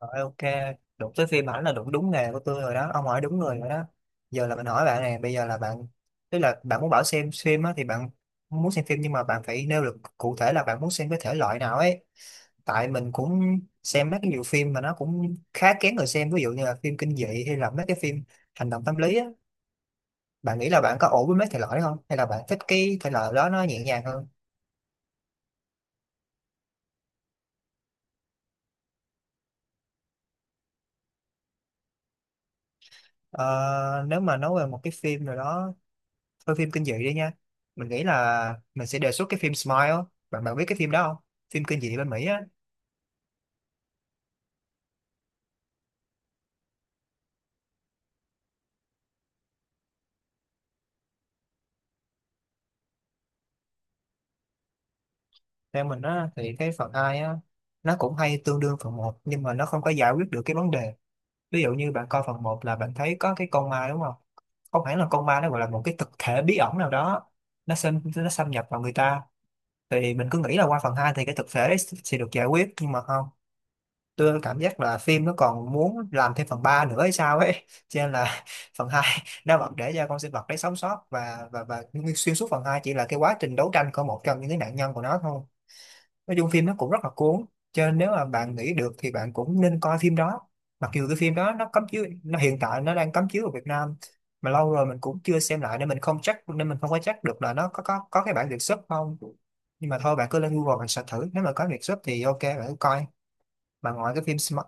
Rồi, ok, đụng tới phim ảnh là đụng đúng nghề của tôi rồi đó, ông hỏi đúng người rồi đó. Giờ là mình hỏi bạn này, bây giờ là bạn, tức là bạn muốn bảo xem phim á, thì bạn muốn xem phim nhưng mà bạn phải nêu được cụ thể là bạn muốn xem cái thể loại nào ấy. Tại mình cũng xem mấy cái nhiều phim mà nó cũng khá kén người xem, ví dụ như là phim kinh dị hay là mấy cái phim hành động tâm lý á. Bạn nghĩ là bạn có ổn với mấy thể loại đó không? Hay là bạn thích cái thể loại đó nó nhẹ nhàng hơn? Ờ, Nếu mà nói về một cái phim nào đó thôi, phim kinh dị đi nha, mình nghĩ là mình sẽ đề xuất cái phim Smile á. Bạn bạn biết cái phim đó không? Phim kinh dị bên Mỹ á. Theo mình á thì cái phần 2 á nó cũng hay tương đương phần một nhưng mà nó không có giải quyết được cái vấn đề. Ví dụ như bạn coi phần một là bạn thấy có cái con ma đúng không? Không hẳn là con ma, nó gọi là một cái thực thể bí ẩn nào đó. Nó xâm nhập vào người ta. Thì mình cứ nghĩ là qua phần 2 thì cái thực thể đấy sẽ được giải quyết nhưng mà không. Tôi cảm giác là phim nó còn muốn làm thêm phần 3 nữa hay sao ấy cho nên là phần 2 nó vẫn để cho con sinh vật đấy sống sót và xuyên suốt phần 2 chỉ là cái quá trình đấu tranh của một trong những cái nạn nhân của nó thôi. Nói chung phim nó cũng rất là cuốn, cho nên nếu mà bạn nghĩ được thì bạn cũng nên coi phim đó. Mặc dù cái phim đó nó cấm chiếu nó hiện tại nó đang cấm chiếu ở Việt Nam. Mà lâu rồi mình cũng chưa xem lại nên mình không có chắc được là nó có cái bản Việt xuất không. Nhưng mà thôi bạn cứ lên Google bạn search thử, nếu mà có Việt xuất thì ok bạn cứ coi. Mà ngoài cái phim Smart...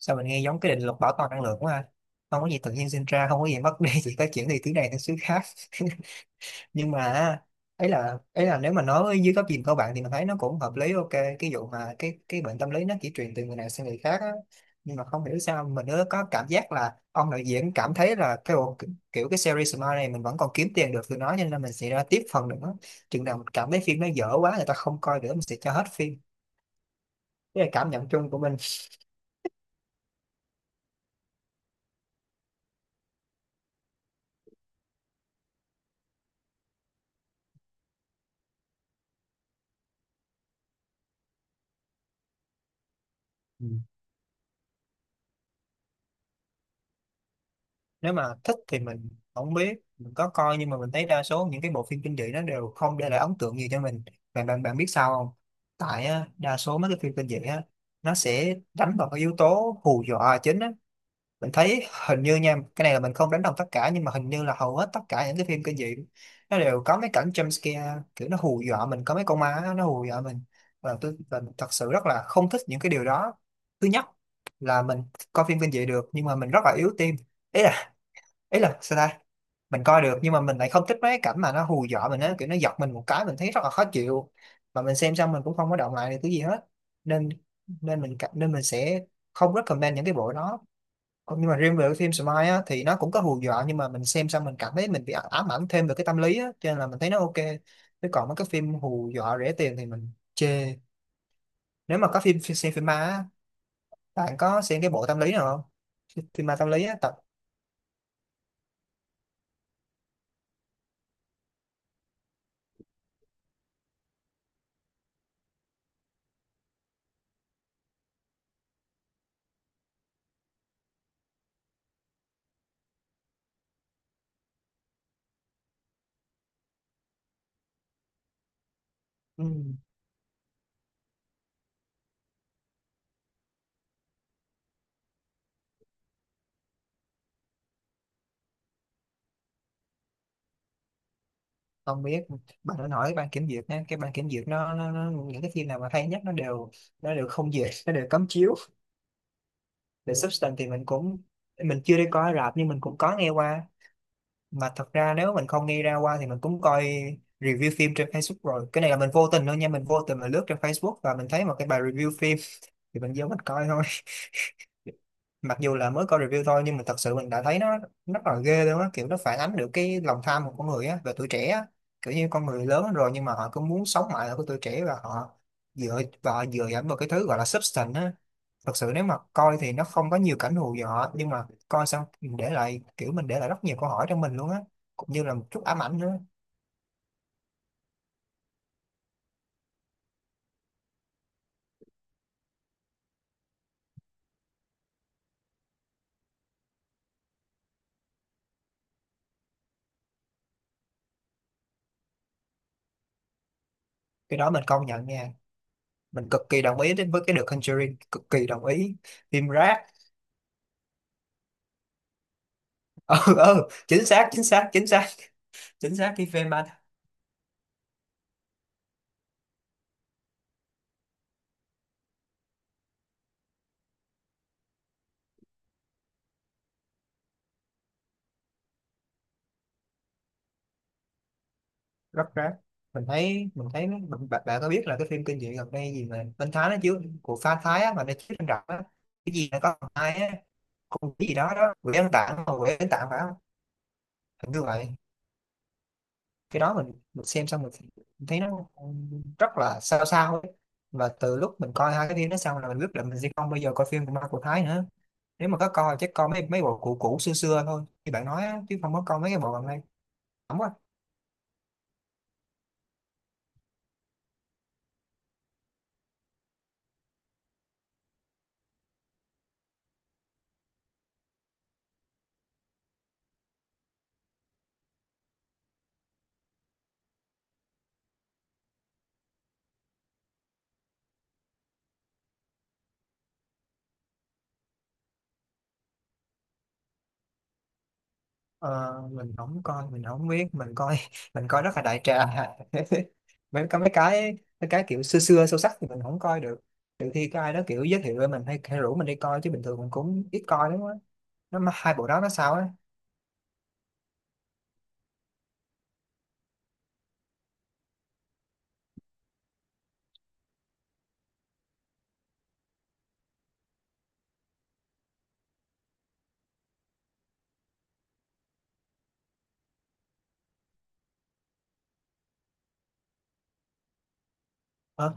Sao mình nghe giống cái định luật bảo toàn năng lượng quá ha. Không có gì tự nhiên sinh ra, không có gì mất đi, chỉ có chuyển từ thứ này sang thứ khác. Nhưng mà ấy là nếu mà nói với dưới góc nhìn của bạn thì mình thấy nó cũng hợp lý, ok cái vụ mà cái bệnh tâm lý nó chỉ truyền từ người này sang người khác á. Nhưng mà không hiểu sao mình nữa có cảm giác là ông đạo diễn cảm thấy là kiểu cái series Smile này mình vẫn còn kiếm tiền được từ nó, cho nên mình sẽ ra tiếp phần nữa. Chừng nào mình cảm thấy phim nó dở quá, người ta không coi nữa, mình sẽ cho hết phim. Đây là cảm nhận chung của mình. Nếu mà thích thì mình không biết mình có coi, nhưng mà mình thấy đa số những cái bộ phim kinh dị nó đều không để lại ấn tượng gì cho mình. Bạn bạn bạn biết sao không? Tại á, đa số mấy cái phim kinh dị á nó sẽ đánh vào cái yếu tố hù dọa là chính á. Mình thấy hình như nha, cái này là mình không đánh đồng tất cả nhưng mà hình như là hầu hết tất cả những cái phim kinh dị nó đều có mấy cảnh jump scare, kiểu nó hù dọa mình, có mấy con ma á, nó hù dọa mình. Và mình thật sự rất là không thích những cái điều đó. Thứ nhất là mình coi phim kinh dị được nhưng mà mình rất là yếu tim. Ý là ý là sao ta? Mình coi được nhưng mà mình lại không thích mấy cái cảnh mà nó hù dọa mình á, kiểu nó giật mình một cái mình thấy rất là khó chịu. Mà mình xem xong mình cũng không có động lại được cái gì hết. Nên nên mình cảm- Nên mình sẽ không recommend những cái bộ đó. Còn nhưng mà riêng về cái phim Smile á thì nó cũng có hù dọa nhưng mà mình xem xong mình cảm thấy mình bị ám ảnh thêm về cái tâm lý á, cho nên là mình thấy nó ok. Chứ còn mấy cái phim hù dọa rẻ tiền thì mình chê. Nếu mà có phim xem phim ma á, bạn có xem cái bộ tâm lý nào không? Phim ma tâm lý á. tập Không biết, bà nên hỏi ban kiểm duyệt nha, cái ban kiểm duyệt nó những cái phim nào mà hay nhất nó đều không duyệt, nó đều cấm chiếu. The Substance thì mình chưa đi coi rạp nhưng mình cũng có nghe qua. Mà thật ra nếu mình không nghe ra qua thì mình cũng coi review phim trên Facebook rồi. Cái này là mình vô tình thôi nha, mình vô tình mà lướt trên Facebook và mình thấy một cái bài review phim, thì mình vô mình coi thôi. Mặc dù là mới coi review thôi nhưng mà thật sự mình đã thấy nó rất là ghê luôn á, kiểu nó phản ánh được cái lòng tham của con người á và tuổi trẻ á. Kiểu như con người lớn rồi nhưng mà họ cứ muốn sống mãi ở cái tuổi trẻ, và họ dựa dẫm vào cái thứ gọi là substance á. Thật sự nếu mà coi thì nó không có nhiều cảnh hù dọa, nhưng mà coi xong mình để lại rất nhiều câu hỏi trong mình luôn á, cũng như là một chút ám ảnh nữa. Cái đó mình công nhận nha, mình cực kỳ đồng ý, đến với cái The Conjuring cực kỳ đồng ý. Phim rác. Ừ, ừ, chính xác, chính xác, chính xác, chính xác, cái phim ma. Rất rác. Mình thấy nó- mình, bạn, Bạn có biết là cái phim kinh dị gần đây gì mà bên Thái nó chiếu của pha Thái á, mà nó chiếu trên rạp á? Cái gì nó có thằng hai á, con cái gì đó đó quỷ ăn tạng, mà quỷ ăn tạng phải không? Hình như vậy. Cái đó mình xem xong thấy nó rất là sao sao ấy. Mà từ lúc mình coi hai cái phim đó xong là mình biết là mình sẽ không bao giờ coi phim của ma của Thái nữa. Nếu mà có coi chắc coi mấy mấy bộ cũ cũ xưa xưa thôi như bạn nói á, chứ không có coi mấy cái bộ gần đây. Không có. Ờ, mình không coi mình không biết mình coi mình coi rất là đại trà. Mấy cái kiểu xưa xưa sâu sắc thì mình không coi được, trừ khi có ai đó kiểu giới thiệu với mình, hay rủ mình đi coi, chứ bình thường mình cũng ít coi lắm á. Nó mà hai bộ đó nó sao á? ờ,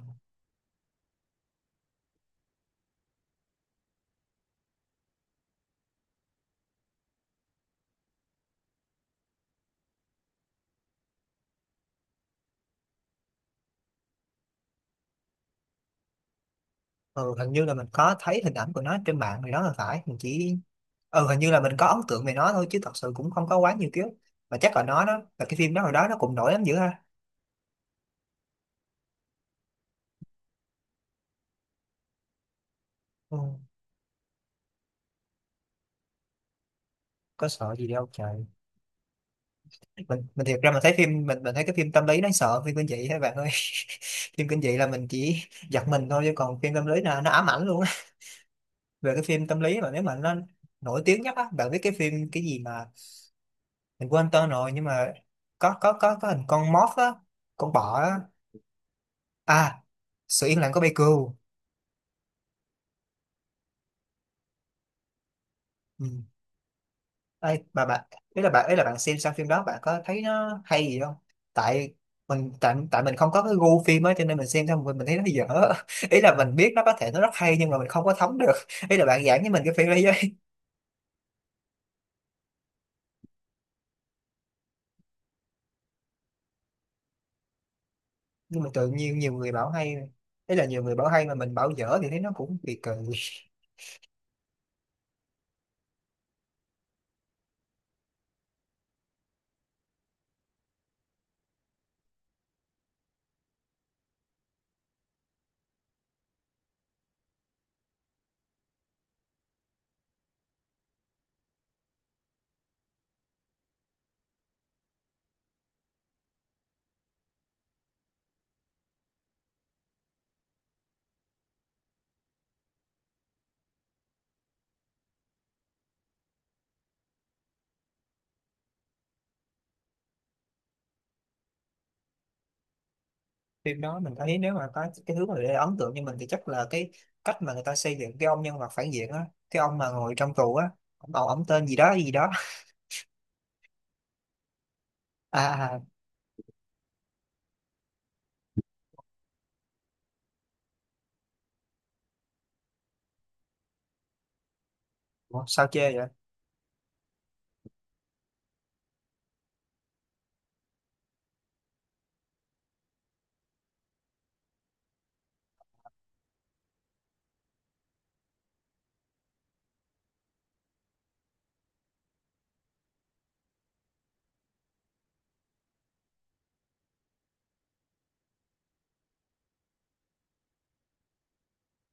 ừ, hình như là mình có thấy hình ảnh của nó trên mạng thì đó là phải mình chỉ... Ừ, hình như là mình có ấn tượng về nó thôi chứ thật sự cũng không có quá nhiều ký ức. Mà chắc là nó, đó là cái phim đó hồi đó nó cũng nổi lắm dữ ha. Ừ, có sợ gì đâu trời. Mình thiệt ra mình thấy cái phim tâm lý đáng sợ, phim kinh dị các bạn ơi phim kinh dị là mình chỉ giật mình thôi chứ còn phim tâm lý là nó ám ảnh luôn á. Về cái phim tâm lý mà nếu mà nó nổi tiếng nhất á, bạn biết cái phim cái gì mà mình quên tên rồi nhưng mà có hình con moth á, con bọ á, à, sự yên lặng của Baker. Ê, mà bạn, ý là bạn xem xong phim đó bạn có thấy nó hay gì không? tại tại mình không có cái gu phim ấy cho nên mình xem xong mình thấy nó dở. Ý là mình biết nó có thể nó rất hay nhưng mà mình không có thấm được. Ý là bạn giảng với mình cái phim đấy với. Nhưng mà tự nhiên nhiều người bảo hay, ý là nhiều người bảo hay mà mình bảo dở thì thấy nó cũng kỳ kỳ. Phim đó mình thấy nếu mà có cái thứ mà để ấn tượng như mình thì chắc là cái cách mà người ta xây dựng cái ông nhân vật phản diện á, cái ông mà ngồi trong tù á, ông tên gì đó gì đó. À à, à. Ủa, sao chê vậy?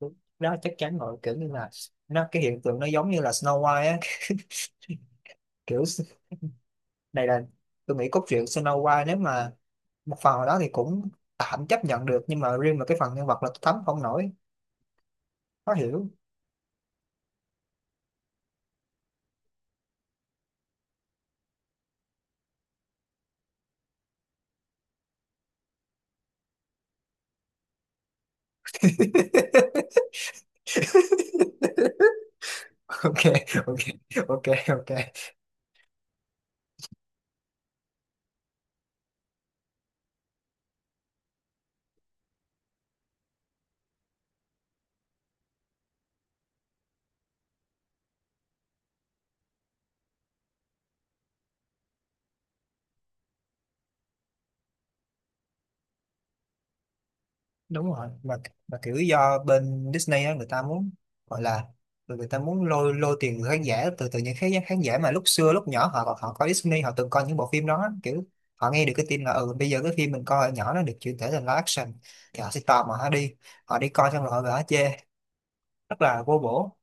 Đúng. Đó chắc chắn rồi, kiểu như là cái hiện tượng nó giống như là Snow White á. kiểu s- Này là tôi nghĩ cốt truyện Snow White nếu mà một phần nào đó thì cũng tạm chấp nhận được nhưng mà riêng mà cái phần nhân vật là tôi thấm không nổi. Khó hiểu. Ok, ok, ok, ok, đúng rồi. Mà kiểu do bên Disney á người ta muốn, gọi là, người người ta muốn lôi lôi tiền từ khán giả từ từ những khán khán giả mà lúc xưa lúc nhỏ họ họ coi Disney, họ từng coi những bộ phim đó, kiểu họ nghe được cái tin là ừ bây giờ cái phim mình coi hồi nhỏ nó được chuyển thể thành live action, thì họ sẽ tò mò, họ đi coi xong rồi họ về họ chê. Rất là vô bổ.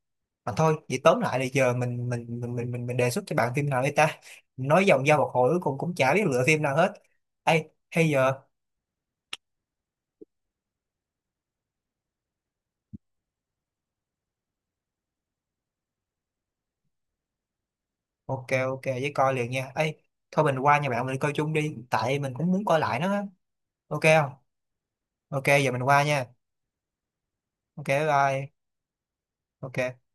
Mà thôi vậy tóm lại là giờ mình đề xuất cho bạn phim nào đi ta, nói vòng ra một hồi cuối cùng cũng chả biết lựa phim nào hết. Ê, hay giờ... Ok, ok với coi liền nha ấy, thôi mình qua nhà bạn mình coi chung đi tại mình cũng muốn coi lại nó á. Ok không? Ok, giờ mình qua nha. Ok, bye bye. Ok.